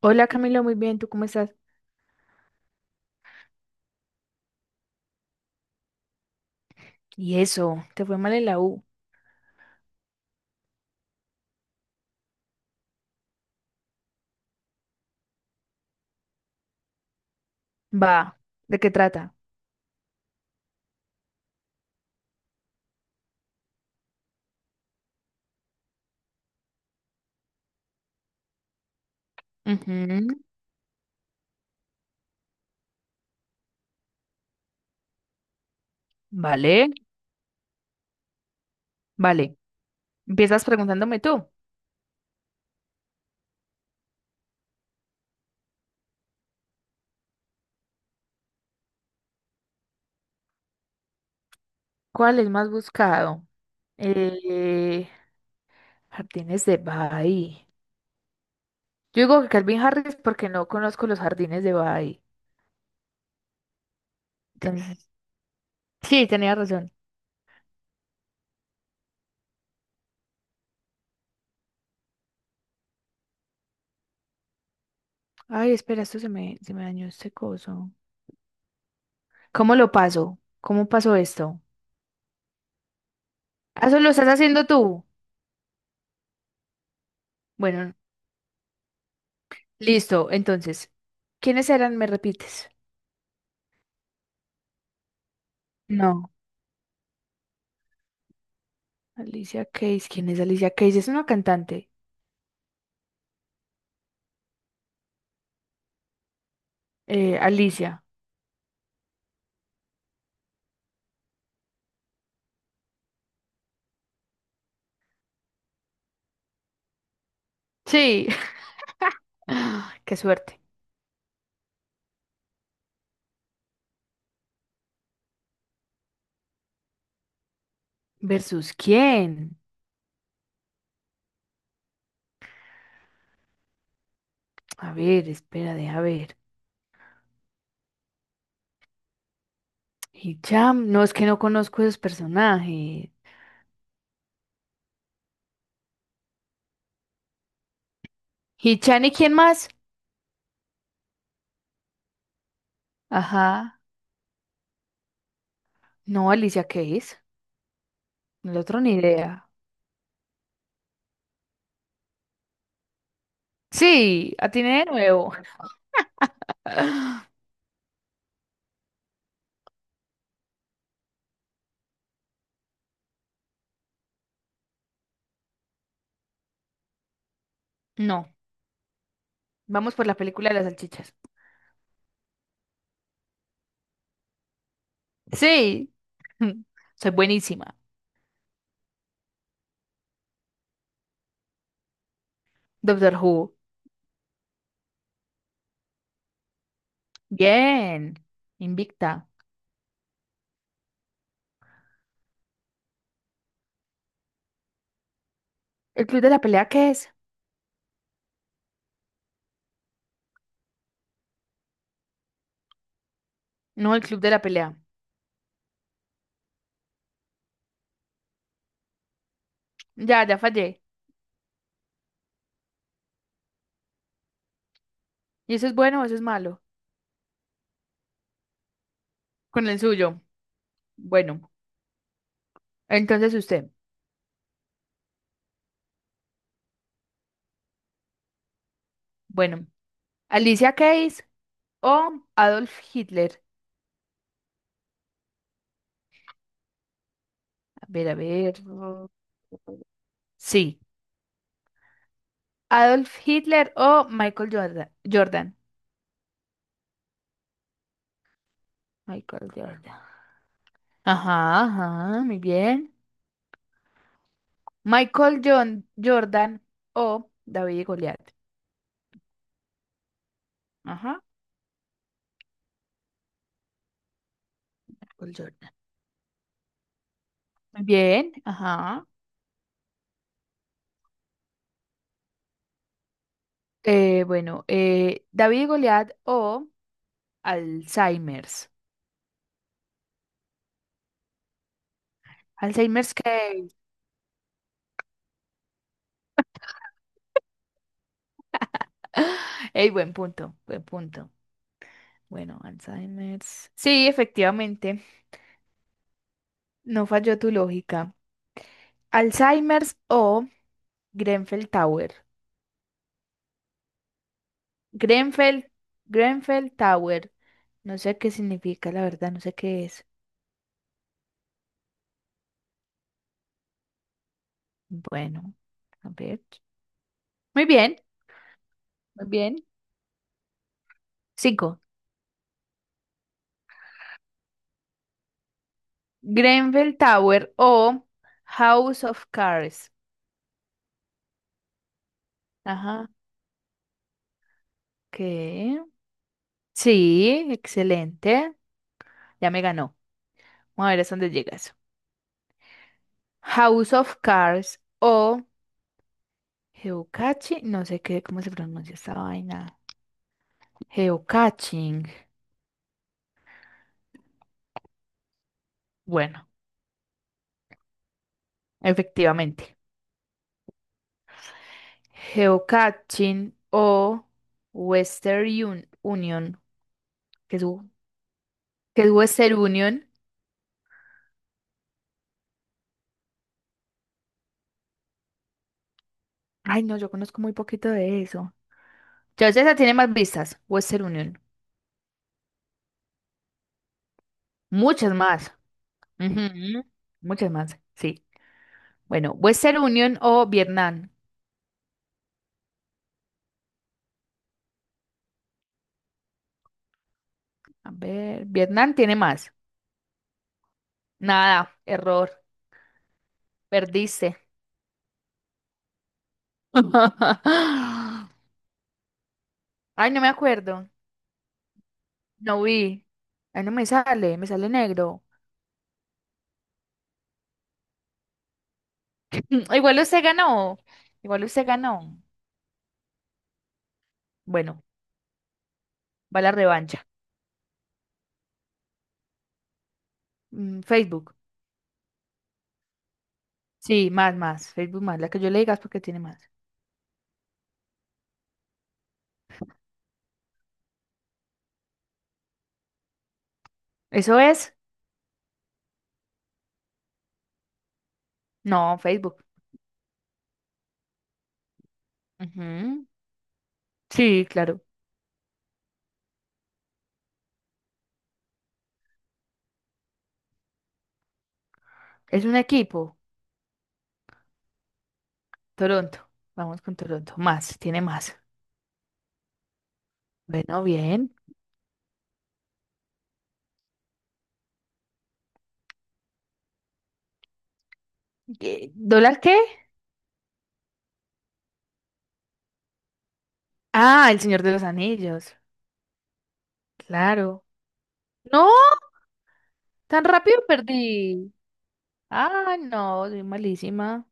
Hola Camilo, muy bien, ¿tú cómo estás? Y eso, ¿te fue mal en la U? Va, ¿de qué trata? Ujú. Vale, vale. Empiezas preguntándome tú, ¿cuál es más buscado? Eh, jardines de Bay. Yo digo que Calvin Harris porque no conozco los jardines de Bay. Entonces, sí, tenía razón. Ay, espera, esto se me dañó este coso. ¿Cómo lo paso? ¿Cómo pasó esto? Ah, eso lo estás haciendo tú. Bueno, listo, entonces, ¿quiénes eran? ¿Me repites? No, Alicia Keys. ¿Quién es Alicia Keys? Es una cantante. Alicia. Sí. Ah, qué suerte. ¿Versus quién? A ver, espera, deja ver. Hicham. No, es que no conozco esos personajes. ¿Hichan y quién más? Ajá. No, Alicia Keys. El otro ni idea. Sí, atiné de nuevo. No, vamos por la película de las salchichas. Sí. Soy buenísima. Doctor Who. Bien. Invicta. ¿El club de la pelea qué es? No, el club de la pelea. Ya, ya fallé. ¿Y eso es bueno o eso es malo? Con el suyo. Bueno, entonces usted. Bueno, Alicia Keys o Adolf Hitler. A ver, a ver. Mm. Sí. Adolf Hitler o Michael Jordan. Jordan. Michael Jordan. Ajá, ajá, muy bien. Michael John Jordan o David y Goliat. Ajá. Michael Jordan. Muy bien, ajá. Bueno, David y Goliat o Alzheimer's. Alzheimer's que... Ey, buen punto, buen punto. Bueno, Alzheimer's. Sí, efectivamente, no falló tu lógica. Alzheimer's o Grenfell Tower. Grenfell, Grenfell Tower. No sé qué significa, la verdad, no sé qué es. Bueno, a ver. Muy bien, muy bien. Cinco. Grenfell Tower o House of Cards. Ajá, ¿qué? Sí, excelente. Ya me ganó. Vamos a ver hasta dónde llega eso. House of Cards o Geocaching. No sé qué, cómo se pronuncia esta vaina. Geocaching. Bueno, efectivamente. Geocaching o Union. ¿Qué es, qué es Western Union? Ay, no, yo conozco muy poquito de eso. Ya esa tiene más vistas. Western Union. Muchas más. Ujú. Muchas más, sí. Bueno, Western Union o Vietnam. A ver, Vietnam tiene más. Nada, error. Perdiste. Ay, no me acuerdo. No vi. Ay, no me sale, me sale negro. Igual usted ganó. Igual usted ganó. Bueno, va la revancha. Mm, Facebook. Sí, más, más. Facebook más. La que yo le digas porque tiene más. ¿Eso es? No, Facebook. Ujú. Sí, claro. Es un equipo. Toronto. Vamos con Toronto. Más, tiene más. Bueno, bien. ¿Qué- ¿Dólar qué? Ah, el Señor de los Anillos. Claro. No, tan rápido perdí. Ah, no, soy malísima.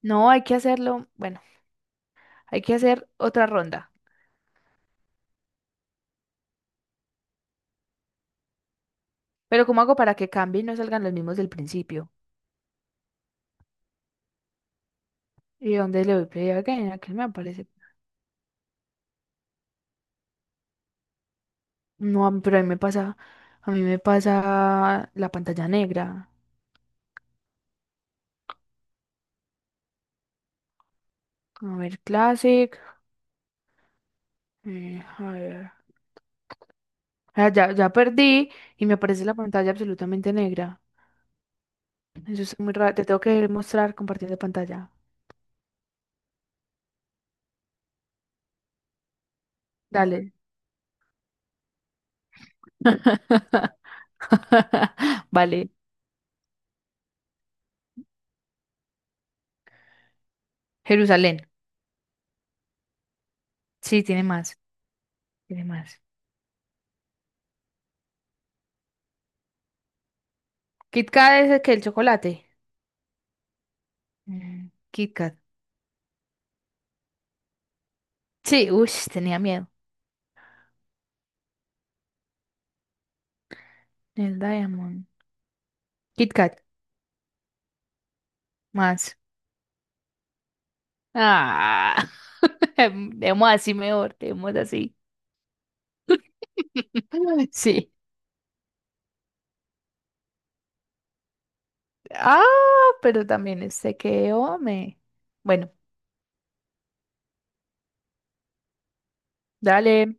No, hay que hacerlo. Bueno, hay que hacer otra ronda. Pero ¿cómo hago para que cambie y no salgan los mismos del principio? ¿Y dónde le doy play again? ¿A qué me aparece? No, pero a mí me pasa la pantalla negra. A ver, Classic. A ver. Ah, ya, ya perdí y me aparece la pantalla absolutamente negra. Eso es muy raro. Te tengo que mostrar compartiendo pantalla. Dale. Vale, Jerusalén. Sí, tiene más, tiene más. Kit Kat es el que el chocolate. Mm, Kit Kat. Sí, uy, tenía miedo. El Diamond. Kit Kat, más. Ah, demos así mejor, demos así. Sí. Ah, pero también este que, hombre. Bueno, dale,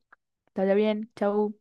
dale bien, chau.